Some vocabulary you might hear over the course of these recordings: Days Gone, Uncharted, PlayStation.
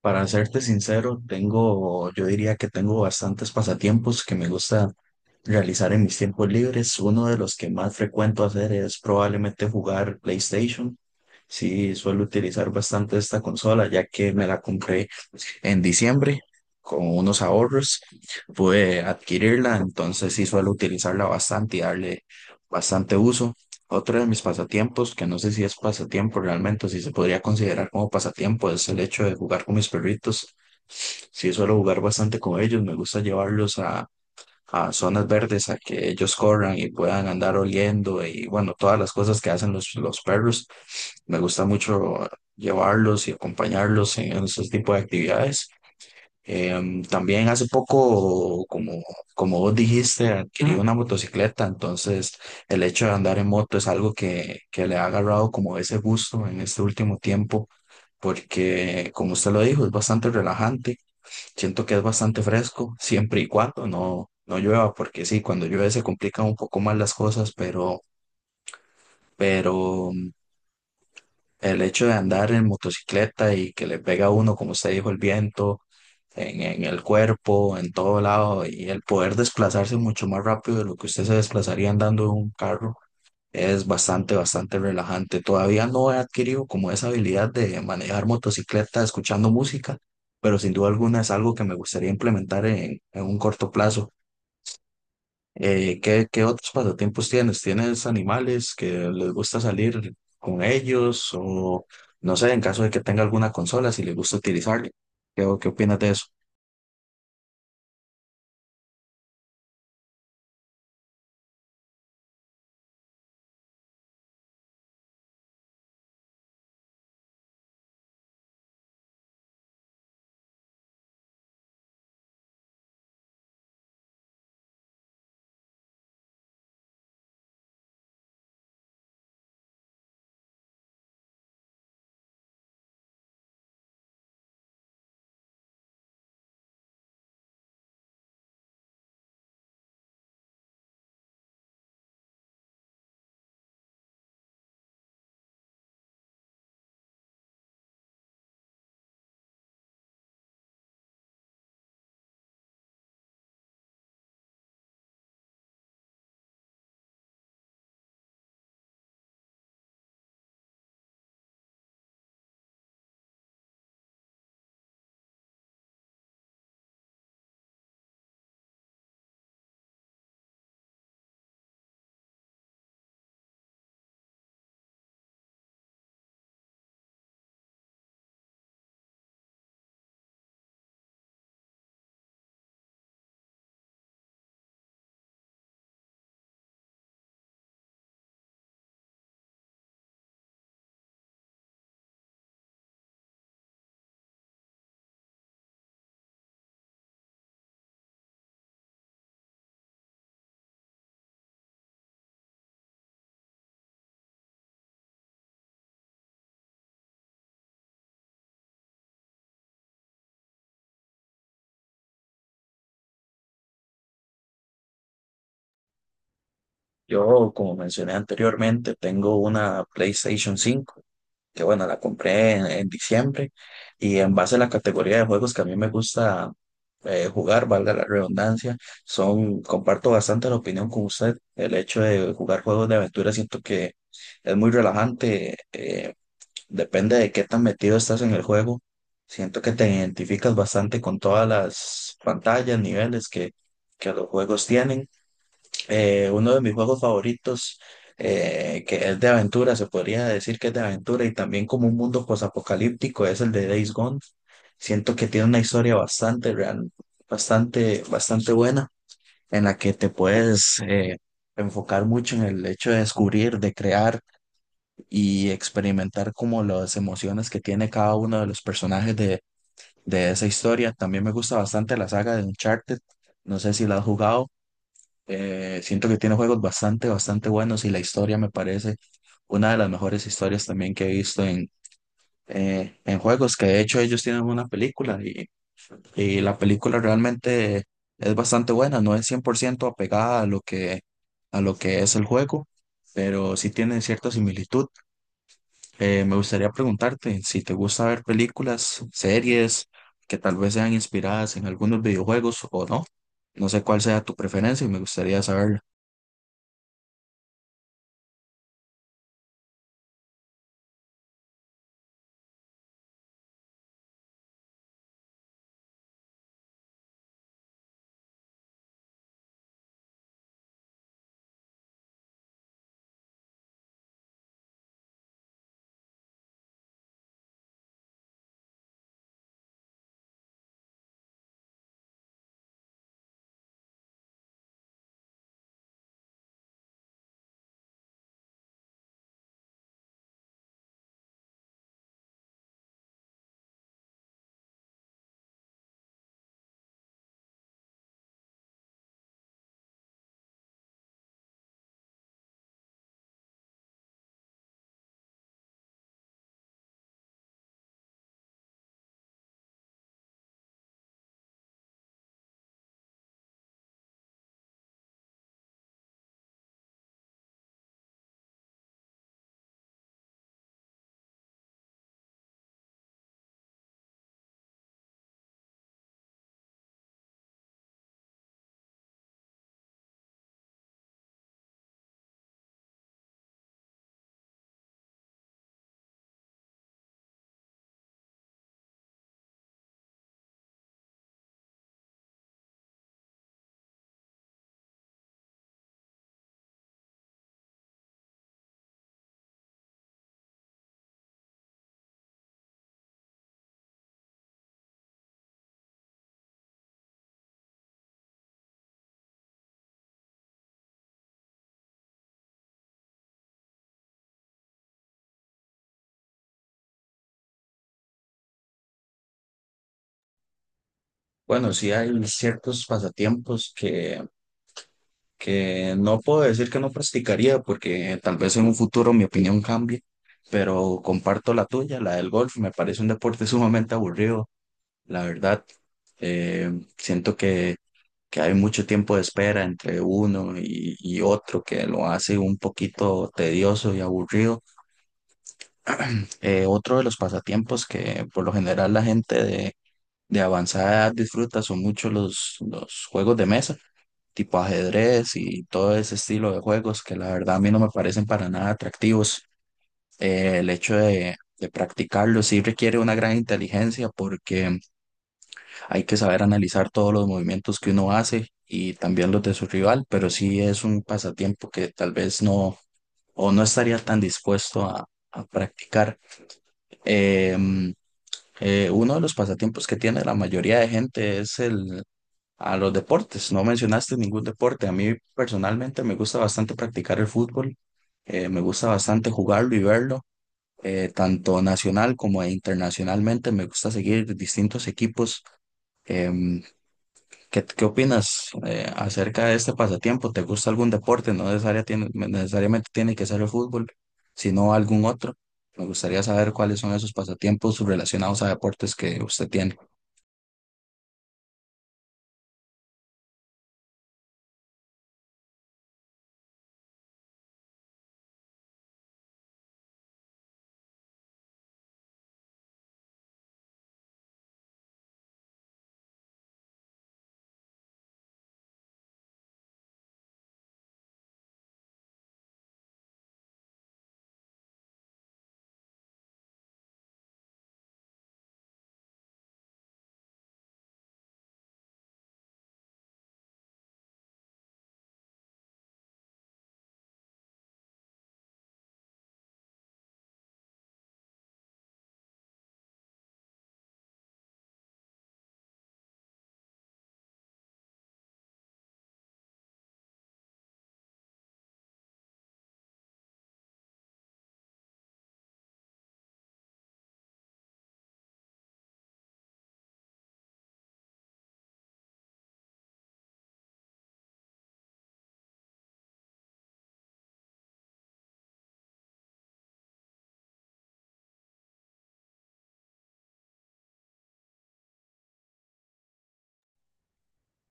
Para serte sincero, yo diría que tengo bastantes pasatiempos que me gusta realizar en mis tiempos libres. Uno de los que más frecuento hacer es probablemente jugar PlayStation. Sí, suelo utilizar bastante esta consola, ya que me la compré en diciembre con unos ahorros. Pude adquirirla, entonces sí suelo utilizarla bastante y darle bastante uso. Otro de mis pasatiempos, que no sé si es pasatiempo realmente, o si se podría considerar como pasatiempo, es el hecho de jugar con mis perritos. Sí, suelo jugar bastante con ellos, me gusta llevarlos a zonas verdes, a que ellos corran y puedan andar oliendo y bueno, todas las cosas que hacen los perros. Me gusta mucho llevarlos y acompañarlos en esos tipos de actividades. También hace poco, como vos dijiste, adquirí una motocicleta, entonces el hecho de andar en moto es algo que le ha agarrado como ese gusto en este último tiempo, porque como usted lo dijo, es bastante relajante, siento que es bastante fresco, siempre y cuando no, no llueva, porque sí, cuando llueve se complican un poco más las cosas, pero el hecho de andar en motocicleta y que le pega a uno, como usted dijo, el viento en el cuerpo, en todo lado, y el poder desplazarse mucho más rápido de lo que usted se desplazaría andando en un carro, es bastante, bastante relajante. Todavía no he adquirido como esa habilidad de manejar motocicleta escuchando música, pero sin duda alguna es algo que me gustaría implementar en un corto plazo. Qué otros pasatiempos tienes? ¿Tienes animales que les gusta salir con ellos? O no sé, en caso de que tenga alguna consola, si les gusta utilizarla. ¿Qué opinas de eso? Yo, como mencioné anteriormente, tengo una PlayStation 5 que bueno, la compré en diciembre y en base a la categoría de juegos que a mí me gusta jugar, valga la redundancia, son, comparto bastante la opinión con usted. El hecho de jugar juegos de aventura siento que es muy relajante. Depende de qué tan metido estás en el juego. Siento que te identificas bastante con todas las pantallas, niveles que los juegos tienen. Uno de mis juegos favoritos, que es de aventura, se podría decir que es de aventura y también como un mundo posapocalíptico, es el de Days Gone. Siento que tiene una historia bastante real, bastante, bastante buena, en la que te puedes enfocar mucho en el hecho de descubrir, de crear y experimentar como las emociones que tiene cada uno de los personajes de esa historia. También me gusta bastante la saga de Uncharted. No sé si la has jugado. Siento que tiene juegos bastante, bastante buenos y la historia me parece una de las mejores historias también que he visto en juegos, que de hecho ellos tienen una película y la película realmente es bastante buena, no es 100% apegada a lo que es el juego, pero sí tiene cierta similitud. Me gustaría preguntarte si te gusta ver películas, series que tal vez sean inspiradas en algunos videojuegos o no. No sé cuál sea tu preferencia y me gustaría saberlo. Bueno, sí hay ciertos pasatiempos que no puedo decir que no practicaría porque tal vez en un futuro mi opinión cambie, pero comparto la tuya, la del golf. Me parece un deporte sumamente aburrido, la verdad. Eh, Siento que hay mucho tiempo de espera entre uno y otro que lo hace un poquito tedioso y aburrido. Otro de los pasatiempos que por lo general la gente de avanzada edad disfruta son mucho los juegos de mesa, tipo ajedrez y todo ese estilo de juegos que la verdad a mí no me parecen para nada atractivos. El hecho de practicarlo sí requiere una gran inteligencia porque hay que saber analizar todos los movimientos que uno hace y también los de su rival, pero sí es un pasatiempo que tal vez no o no estaría tan dispuesto a practicar. Em, Uno de los pasatiempos que tiene la mayoría de gente es el a los deportes. No mencionaste ningún deporte. A mí personalmente me gusta bastante practicar el fútbol. Me gusta bastante jugarlo y verlo, tanto nacional como internacionalmente. Me gusta seguir distintos equipos. em, ¿qué opinas acerca de este pasatiempo? ¿Te gusta algún deporte? No necesariamente tiene que ser el fútbol, sino algún otro. Me gustaría saber cuáles son esos pasatiempos relacionados a deportes que usted tiene.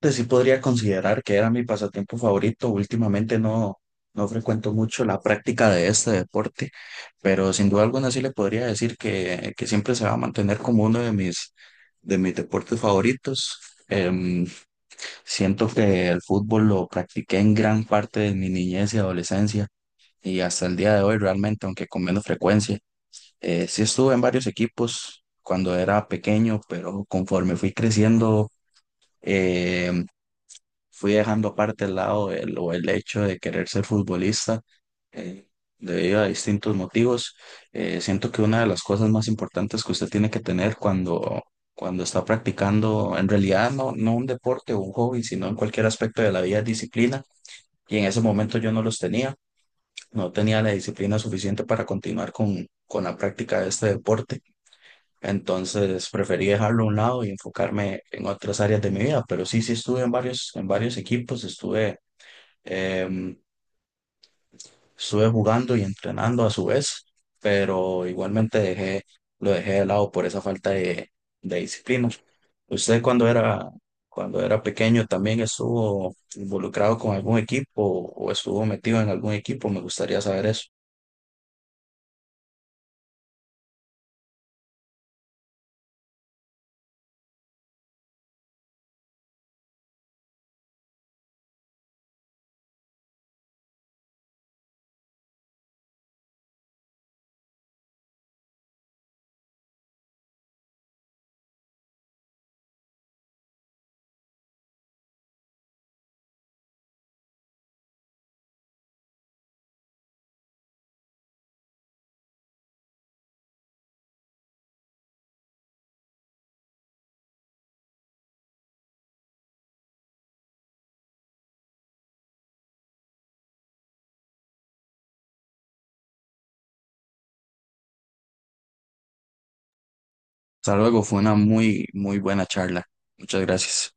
Pues sí podría considerar que era mi pasatiempo favorito. Últimamente no, no frecuento mucho la práctica de este deporte, pero sin duda alguna sí le podría decir que siempre se va a mantener como uno de mis deportes favoritos. Em, Siento que el fútbol lo practiqué en gran parte de mi niñez y adolescencia y hasta el día de hoy realmente, aunque con menos frecuencia. Sí estuve en varios equipos cuando era pequeño, pero conforme fui creciendo, eh, fui dejando aparte el lado el, o el hecho de querer ser futbolista eh, debido a distintos motivos. Siento que una de las cosas más importantes que usted tiene que tener cuando está practicando, en realidad no, no un deporte o un hobby, sino en cualquier aspecto de la vida, es disciplina. Y en ese momento yo no los tenía, no tenía la disciplina suficiente para continuar con la práctica de este deporte. Entonces preferí dejarlo a un lado y enfocarme en otras áreas de mi vida, pero sí, sí estuve en varios, Em, estuve jugando y entrenando a su vez, pero igualmente lo dejé de lado por esa falta de disciplina. ¿Usted cuando era pequeño también estuvo involucrado con algún equipo o estuvo metido en algún equipo? Me gustaría saber eso. Hasta luego, fue una muy, muy buena charla. Muchas gracias.